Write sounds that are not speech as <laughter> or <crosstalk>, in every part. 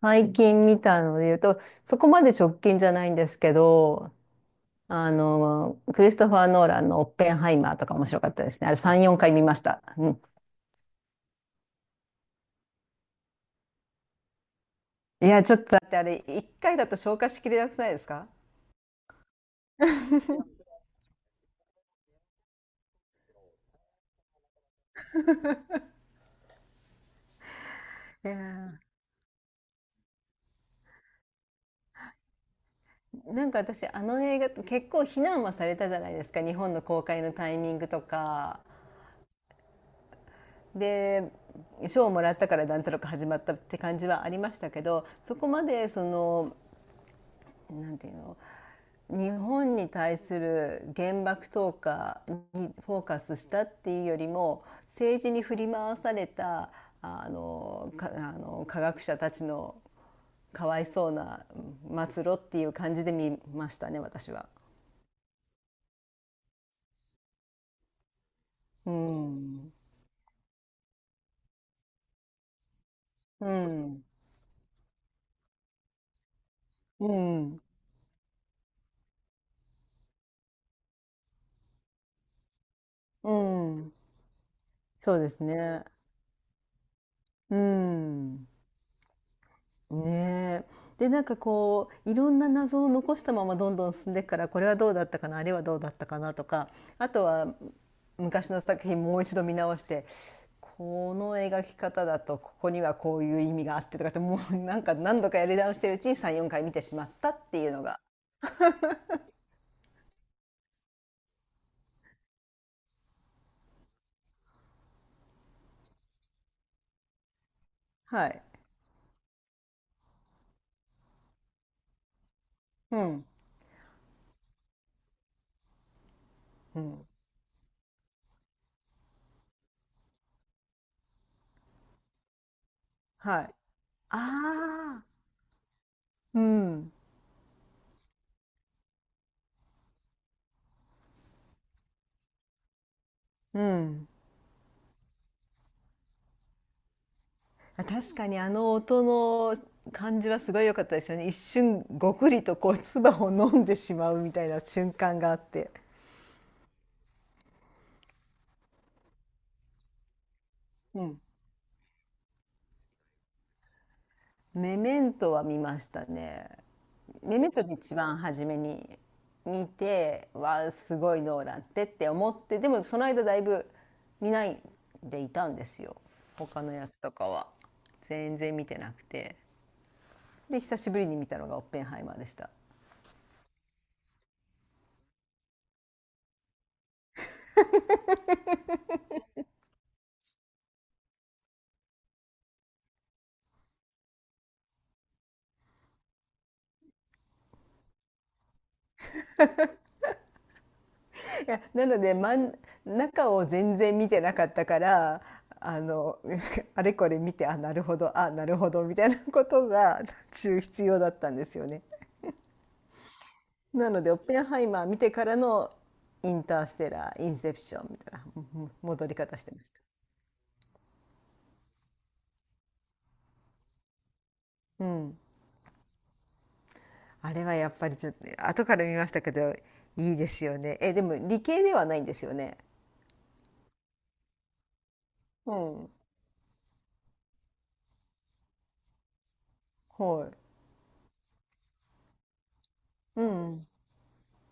最近見たので言うと、そこまで直近じゃないんですけど、クリストファー・ノーランのオッペンハイマーとか面白かったですね。あれ3、4回見ました。うん。いや、ちょっとだってあれ、1回だと消化しきれなくないですか？ <laughs> いやー、なんか私あの映画結構非難はされたじゃないですか。日本の公開のタイミングとかで賞をもらったからなんとなく始まったって感じはありましたけど、そこまでその、なんていうの、日本に対する原爆投下にフォーカスしたっていうよりも、政治に振り回されたあのかあの科学者たちのかわいそうな末路っていう感じで見ましたね、私は。うん、うん、うん、うん、そうですね。うん。ねえ。で、なんかこういろんな謎を残したままどんどん進んでいくから、これはどうだったかな、あれはどうだったかなとか、あとは昔の作品もう一度見直して、この描き方だとここにはこういう意味があってとかって、もうなんか何度かやり直してるうちに3、4回見てしまったっていうのが。はい。うん。うん。はい。ああ。うん。うん。あ、確かにあの音の感じはすごい良かったですよね。一瞬ごくりとこう唾を飲んでしまうみたいな瞬間があって。うん。メメントは見ましたね。メメントで一番初めに見て、わあ、すごいノーランって思って、でもその間だいぶ見ないでいたんですよ。他のやつとかは。全然見てなくて。で、久しぶりに見たのがオッペンハイマーでした。いや、なので、まん中を全然見てなかったから、あの <laughs>、あれこれ見て、あ、なるほど、あ、なるほど、みたいなことが <laughs>、中必要だったんですよね。なので、オッペンハイマー見てからのインターステラー、インセプションみたいな、うん、戻り方してました。うん。あれはやっぱりちょっと、後から見ましたけど、いいですよね。え、でも理系ではないんですよね。うん。はい。うん。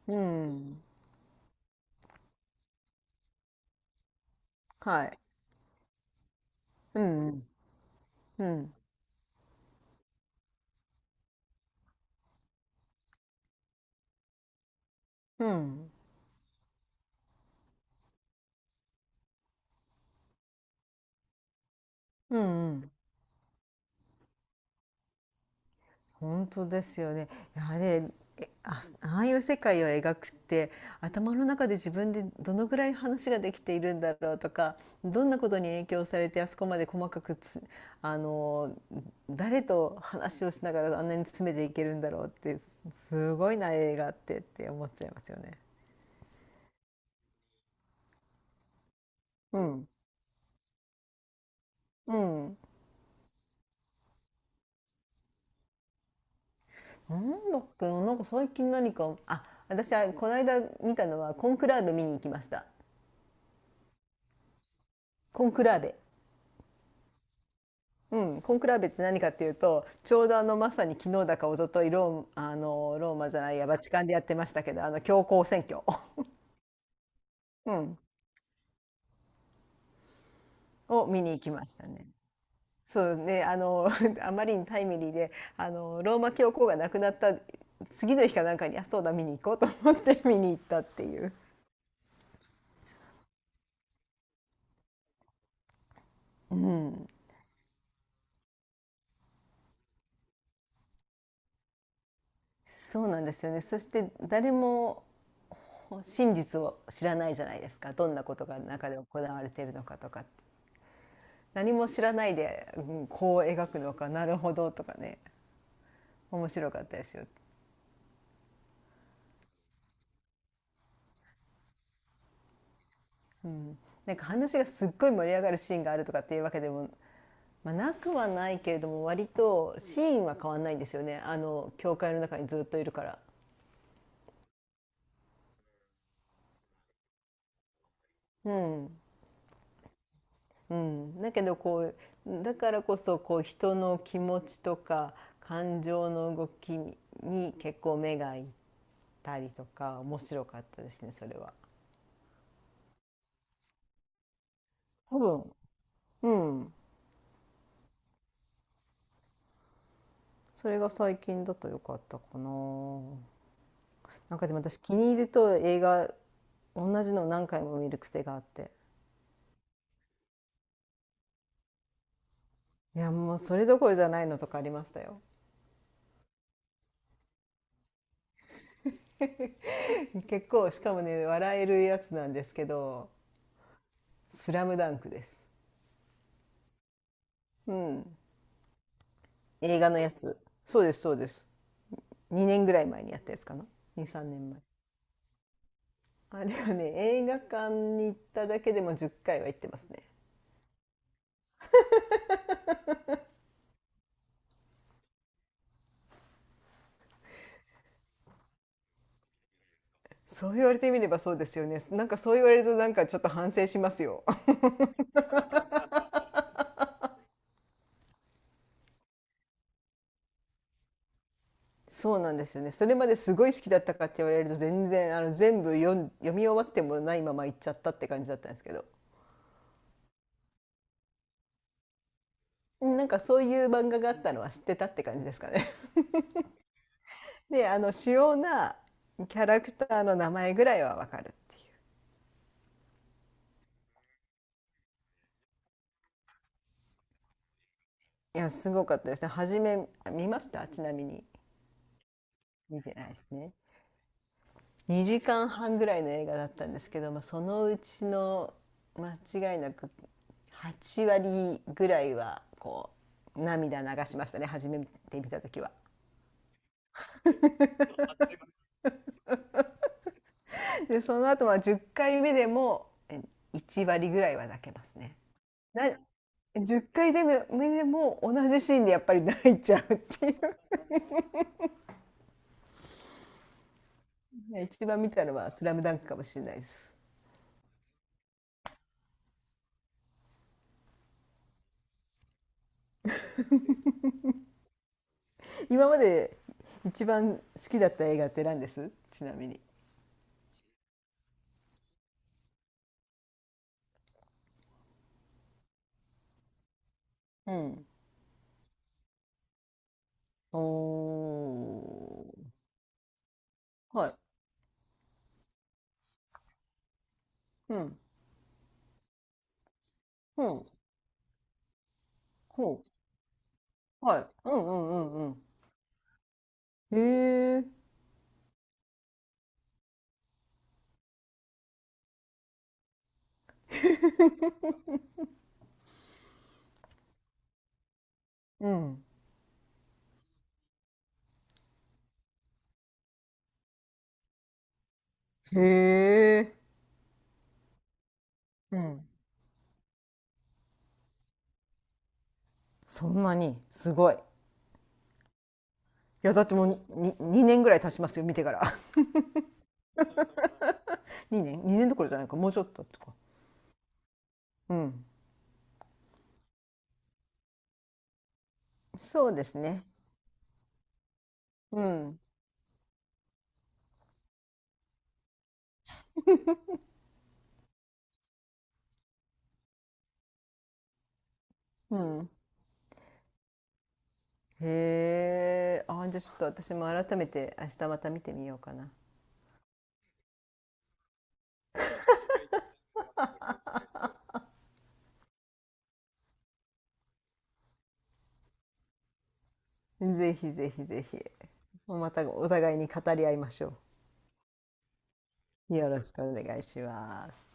うん。はい。うん。うん。うん。うんうん。本当ですよね。いやあれ、ああいう世界を描くって、頭の中で自分でどのぐらい話ができているんだろうとか、どんなことに影響されてあそこまで細かくつ、あの、誰と話をしながらあんなに詰めていけるんだろうって、すごいな映画って思っちゃいますよね。うん。うん。なんだっけな、なんか最近何か、あ、私はこの間見たのはコンクラーベ、見に行きました。コンクラーベ。うん、コンクラベって何かっていうと、ちょうどあのまさに昨日だか一昨日、ローマじゃないや、バチカンでやってましたけど、あの教皇選挙、<laughs> うん、を見に行きましたね。そうね、<laughs> あまりにタイムリーで、あのローマ教皇が亡くなった次の日かなんかに、あ、そうだ、見に行こうと思って見に行ったっていう。うん、そうなんですよね。そして誰も真実を知らないじゃないですか、どんなことが中で行われているのかとかって。何も知らないで、うん、こう描くのか、なるほどとかね、面白かったですよ。なんか話がすっごい盛り上がるシーンがあるとかっていうわけでも、まあ、なくはないけれども、割とシーンは変わんないんですよね、あの教会の中にずっといるから。うんうん、だけどこうだからこそ、こう人の気持ちとか感情の動きに結構目がいったりとか面白かったですね、それは。多分、うん、それが最近だと良かったかな。なんかでも私気に入ると映画同じの何回も見る癖があって。いやもう、それどころじゃないのとかありましたよ。<laughs> 結構、しかもね、笑えるやつなんですけど「スラムダンクです。うん。映画のやつ。そうです、そうです。2年ぐらい前にやったやつかな。2、3年前。あれはね、映画館に行っただけでも10回は行ってますね。そう言われてみればそうですよね。なんかそう言われるとなんかちょっと反省しますよ。そうなんですよね。それまですごい好きだったかって言われると、全然、全部読み終わってもないまま行っちゃったって感じだったんですけど、うん、なんかそういう漫画があったのは知ってたって感じですかね。<laughs> で、あの主要なキャラクターの名前ぐらいはわかるっていう。いや、すごかったですね。初め見ましたちなみに？見てないですね。2時間半ぐらいの映画だったんですけど、まあ、そのうちの間違いなく8割ぐらいはこう涙流しましたね、初めて見た時は。でその後は10回目でも1割ぐらいは泣けますね。な10回でも目でも同じシーンでやっぱり泣いちゃうっていう。 <laughs> 一番見たのは「スラムダンクかもしれないです。今まで一番好きだった映画って何ですちなみに？うん。おー。はい。うん。うん。ほう。はい。うんうんうんうん。へえ。<laughs> うん。へえ。うん。そんなに、すごい。いや、だってもうに2年ぐらい経ちますよ、見てから。<laughs> 2年？ 2 年どころじゃないか、もうちょっととか。うん。そうですね。うん。うん。へえ。あ、じゃあちょっと私も改めて明日また見てみようかな。ぜひぜひぜひ。またお互いに語り合いましょう。よろしくお願いします。